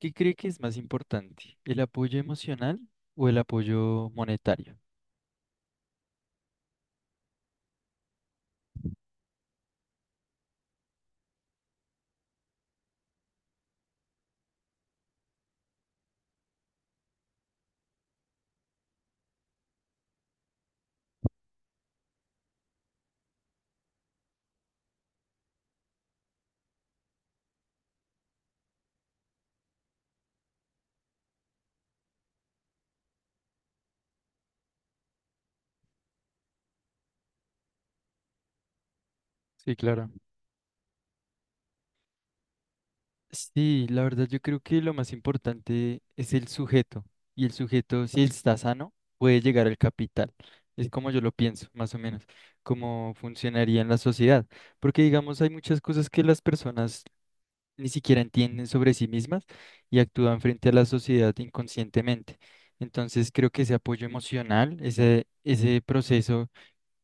¿Qué cree que es más importante, el apoyo emocional o el apoyo monetario? Sí, claro. Sí, la verdad yo creo que lo más importante es el sujeto y el sujeto si está sano puede llegar al capital. Es como yo lo pienso, más o menos, cómo funcionaría en la sociedad. Porque digamos, hay muchas cosas que las personas ni siquiera entienden sobre sí mismas y actúan frente a la sociedad inconscientemente. Entonces creo que ese apoyo emocional, ese proceso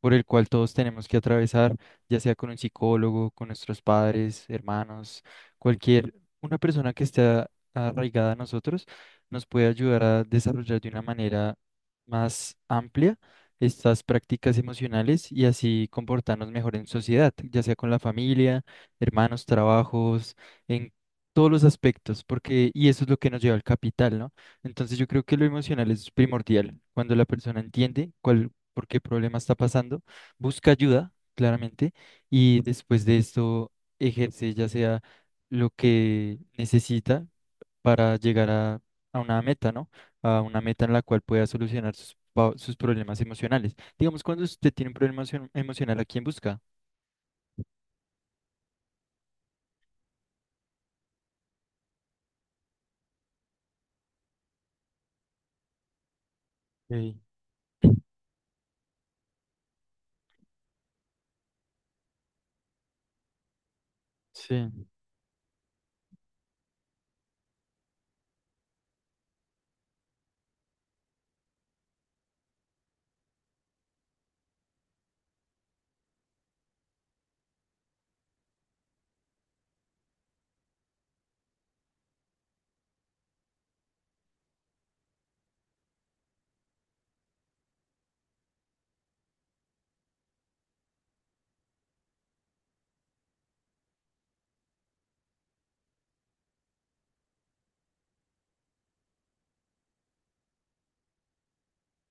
por el cual todos tenemos que atravesar, ya sea con un psicólogo, con nuestros padres, hermanos, cualquier, una persona que esté arraigada a nosotros nos puede ayudar a desarrollar de una manera más amplia estas prácticas emocionales y así comportarnos mejor en sociedad, ya sea con la familia, hermanos, trabajos, en todos los aspectos, porque y eso es lo que nos lleva al capital, ¿no? Entonces yo creo que lo emocional es primordial. Cuando la persona entiende cuál por qué problema está pasando, busca ayuda, claramente, y después de esto ejerce ya sea lo que necesita para llegar a una meta, ¿no? A una meta en la cual pueda solucionar sus problemas emocionales. Digamos, cuando usted tiene un problema emocional, ¿a quién busca? Ok. Sí,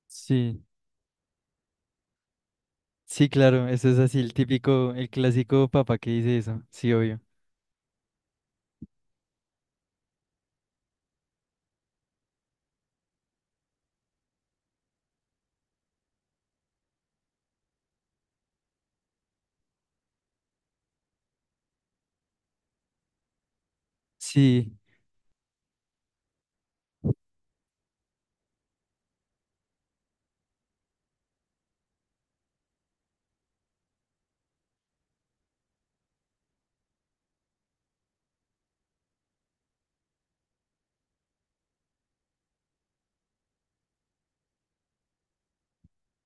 sí, sí, claro, eso es así, el típico, el clásico papá que dice eso, sí, obvio. Sí,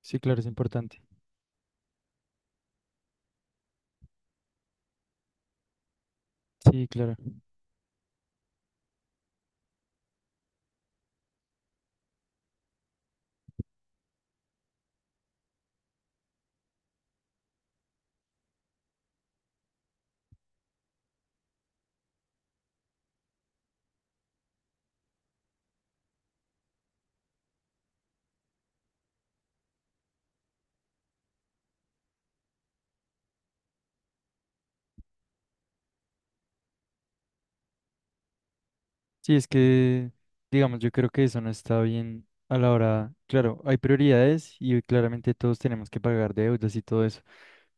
sí, claro, es importante. Sí, claro. Sí, es que, digamos, yo creo que eso no está bien a la hora. Claro, hay prioridades y claramente todos tenemos que pagar deudas y todo eso.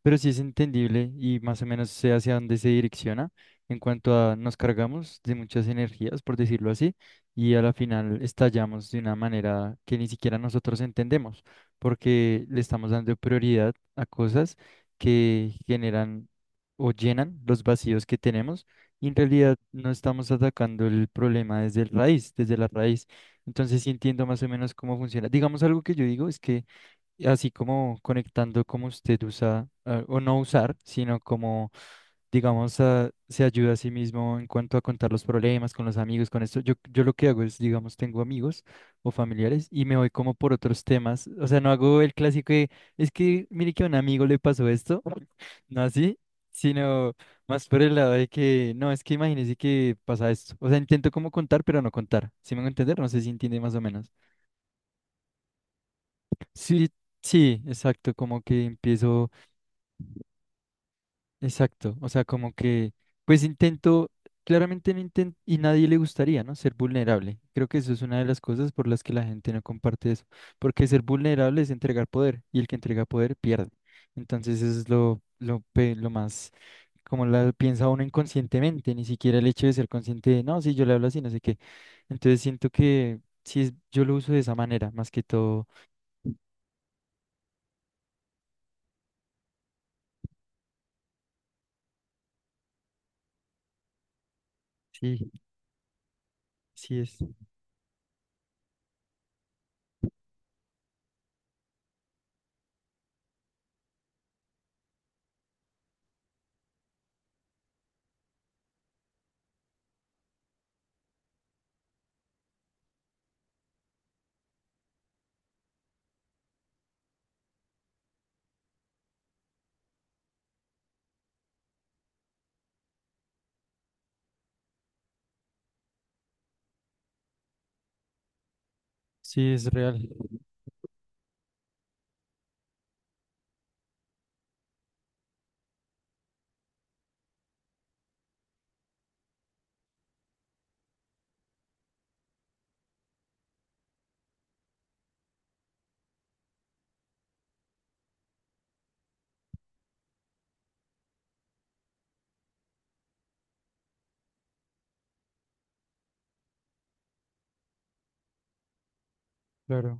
Pero sí es entendible y más o menos sé hacia dónde se direcciona en cuanto a nos cargamos de muchas energías, por decirlo así, y a la final estallamos de una manera que ni siquiera nosotros entendemos, porque le estamos dando prioridad a cosas que generan o llenan los vacíos que tenemos y en realidad no estamos atacando el problema desde el raíz, desde la raíz. Entonces sí entiendo más o menos cómo funciona. Digamos algo que yo digo es que así como conectando como usted usa ah, o no usar, sino como, digamos, ah, se ayuda a sí mismo en cuanto a contar los problemas con los amigos, con esto. Yo lo que hago es, digamos, tengo amigos o familiares y me voy como por otros temas. O sea, no hago el clásico de, es que mire que a un amigo le pasó esto, no así, sino más por el lado de que, no, es que imagínese que pasa esto. O sea, intento como contar, pero no contar. ¿Sí me van a entender? No sé si entiende más o menos. Sí, sí, exacto, como que empiezo. Exacto, o sea, como que, pues intento, claramente no intento, y nadie le gustaría, ¿no? Ser vulnerable. Creo que eso es una de las cosas por las que la gente no comparte eso, porque ser vulnerable es entregar poder, y el que entrega poder pierde. Entonces eso es lo más, como la piensa uno inconscientemente, ni siquiera el hecho de ser consciente de, no, si yo le hablo así, no sé qué. Entonces siento que sí, yo lo uso de esa manera, más que todo, sí, sí es, sí es real, claro.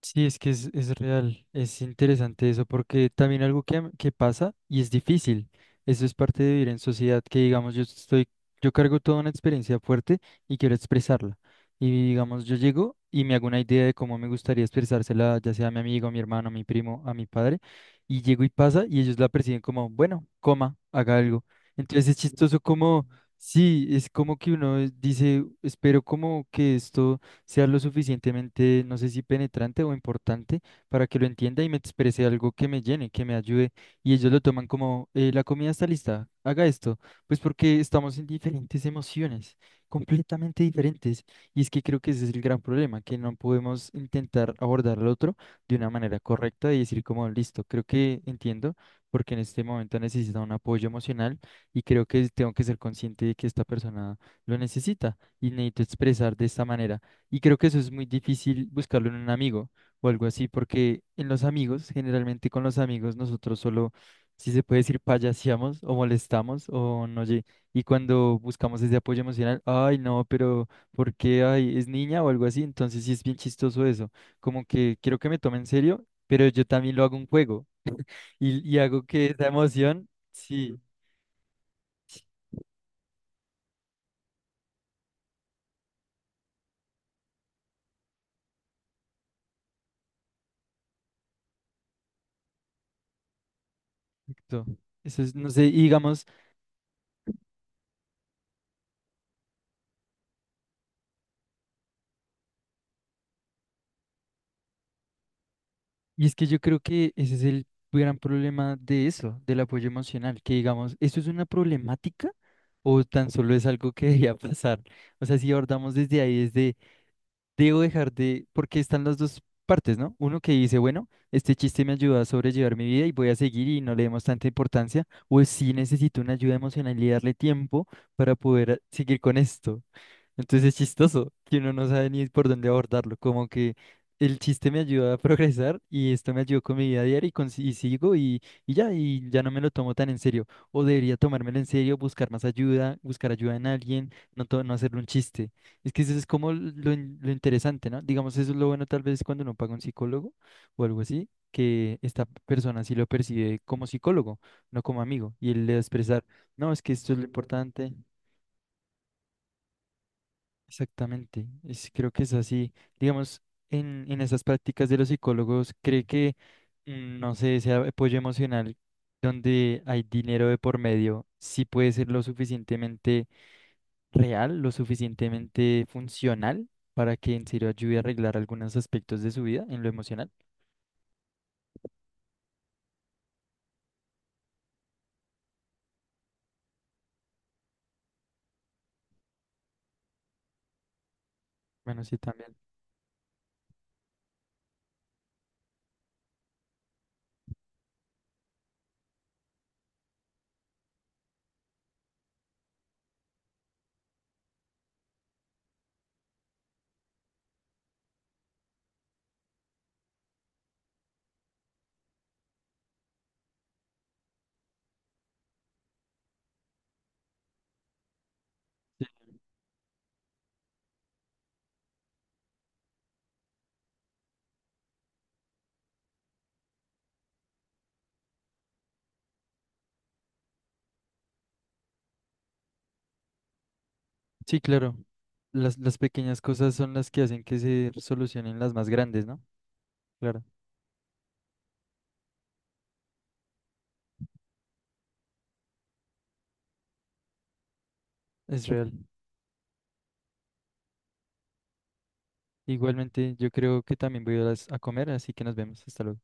Sí, es que es real, es interesante eso, porque también algo que, que pasa y es difícil, eso es parte de vivir en sociedad, que digamos yo estoy, yo cargo toda una experiencia fuerte y quiero expresarla, y digamos yo llego y me hago una idea de cómo me gustaría expresársela, ya sea a mi amigo, a mi hermano, a mi primo, a mi padre, y llego y pasa y ellos la perciben como, bueno, coma, haga algo. Entonces es chistoso como, sí, es como que uno dice, espero como que esto sea lo suficientemente, no sé si penetrante o importante, para que lo entienda y me exprese algo que me llene, que me ayude. Y ellos lo toman como, la comida está lista, haga esto, pues porque estamos en diferentes emociones, completamente diferentes. Y es que creo que ese es el gran problema, que no podemos intentar abordar al otro de una manera correcta y decir como, listo, creo que entiendo, porque en este momento necesita un apoyo emocional y creo que tengo que ser consciente de que esta persona lo necesita y necesito expresar de esta manera. Y creo que eso es muy difícil buscarlo en un amigo o algo así, porque en los amigos, generalmente con los amigos, nosotros solo, si se puede decir, payaseamos o molestamos o no, y cuando buscamos ese apoyo emocional, ay, no, pero ¿por qué? Ay, es niña o algo así, entonces sí es bien chistoso eso, como que quiero que me tome en serio, pero yo también lo hago un juego y hago que esa emoción, sí, exacto. Eso es, no sé, y digamos... Y es que yo creo que ese es el gran problema de eso, del apoyo emocional, que digamos, ¿esto es una problemática o tan solo es algo que debería pasar? O sea, si abordamos desde ahí, desde, debo dejar de, porque están las dos partes, ¿no? Uno que dice, bueno, este chiste me ayuda a sobrellevar mi vida y voy a seguir y no le demos tanta importancia, o si necesito una ayuda emocional y darle tiempo para poder seguir con esto. Entonces es chistoso que uno no sabe ni por dónde abordarlo. Como que el chiste me ayuda a progresar y esto me ayudó con mi vida diaria y sigo y ya no me lo tomo tan en serio. O debería tomármelo en serio, buscar más ayuda, buscar ayuda en alguien, no, no hacerlo un chiste. Es que eso es como lo interesante, ¿no? Digamos, eso es lo bueno tal vez cuando uno paga un psicólogo o algo así, que esta persona sí lo percibe como psicólogo, no como amigo. Y él le va a expresar, no, es que esto es lo importante. Exactamente, es, creo que es así. Digamos, en esas prácticas de los psicólogos, ¿cree que, mm, no sé, ese apoyo emocional donde hay dinero de por medio, sí puede ser lo suficientemente real, lo suficientemente funcional para que en serio ayude a arreglar algunos aspectos de su vida en lo emocional? Bueno, sí, también. Sí, sí, claro. Las pequeñas cosas son las que hacen que se solucionen las más grandes, ¿no? Claro, es real. Igualmente, yo creo que también voy a, a comer, así que nos vemos. Hasta luego.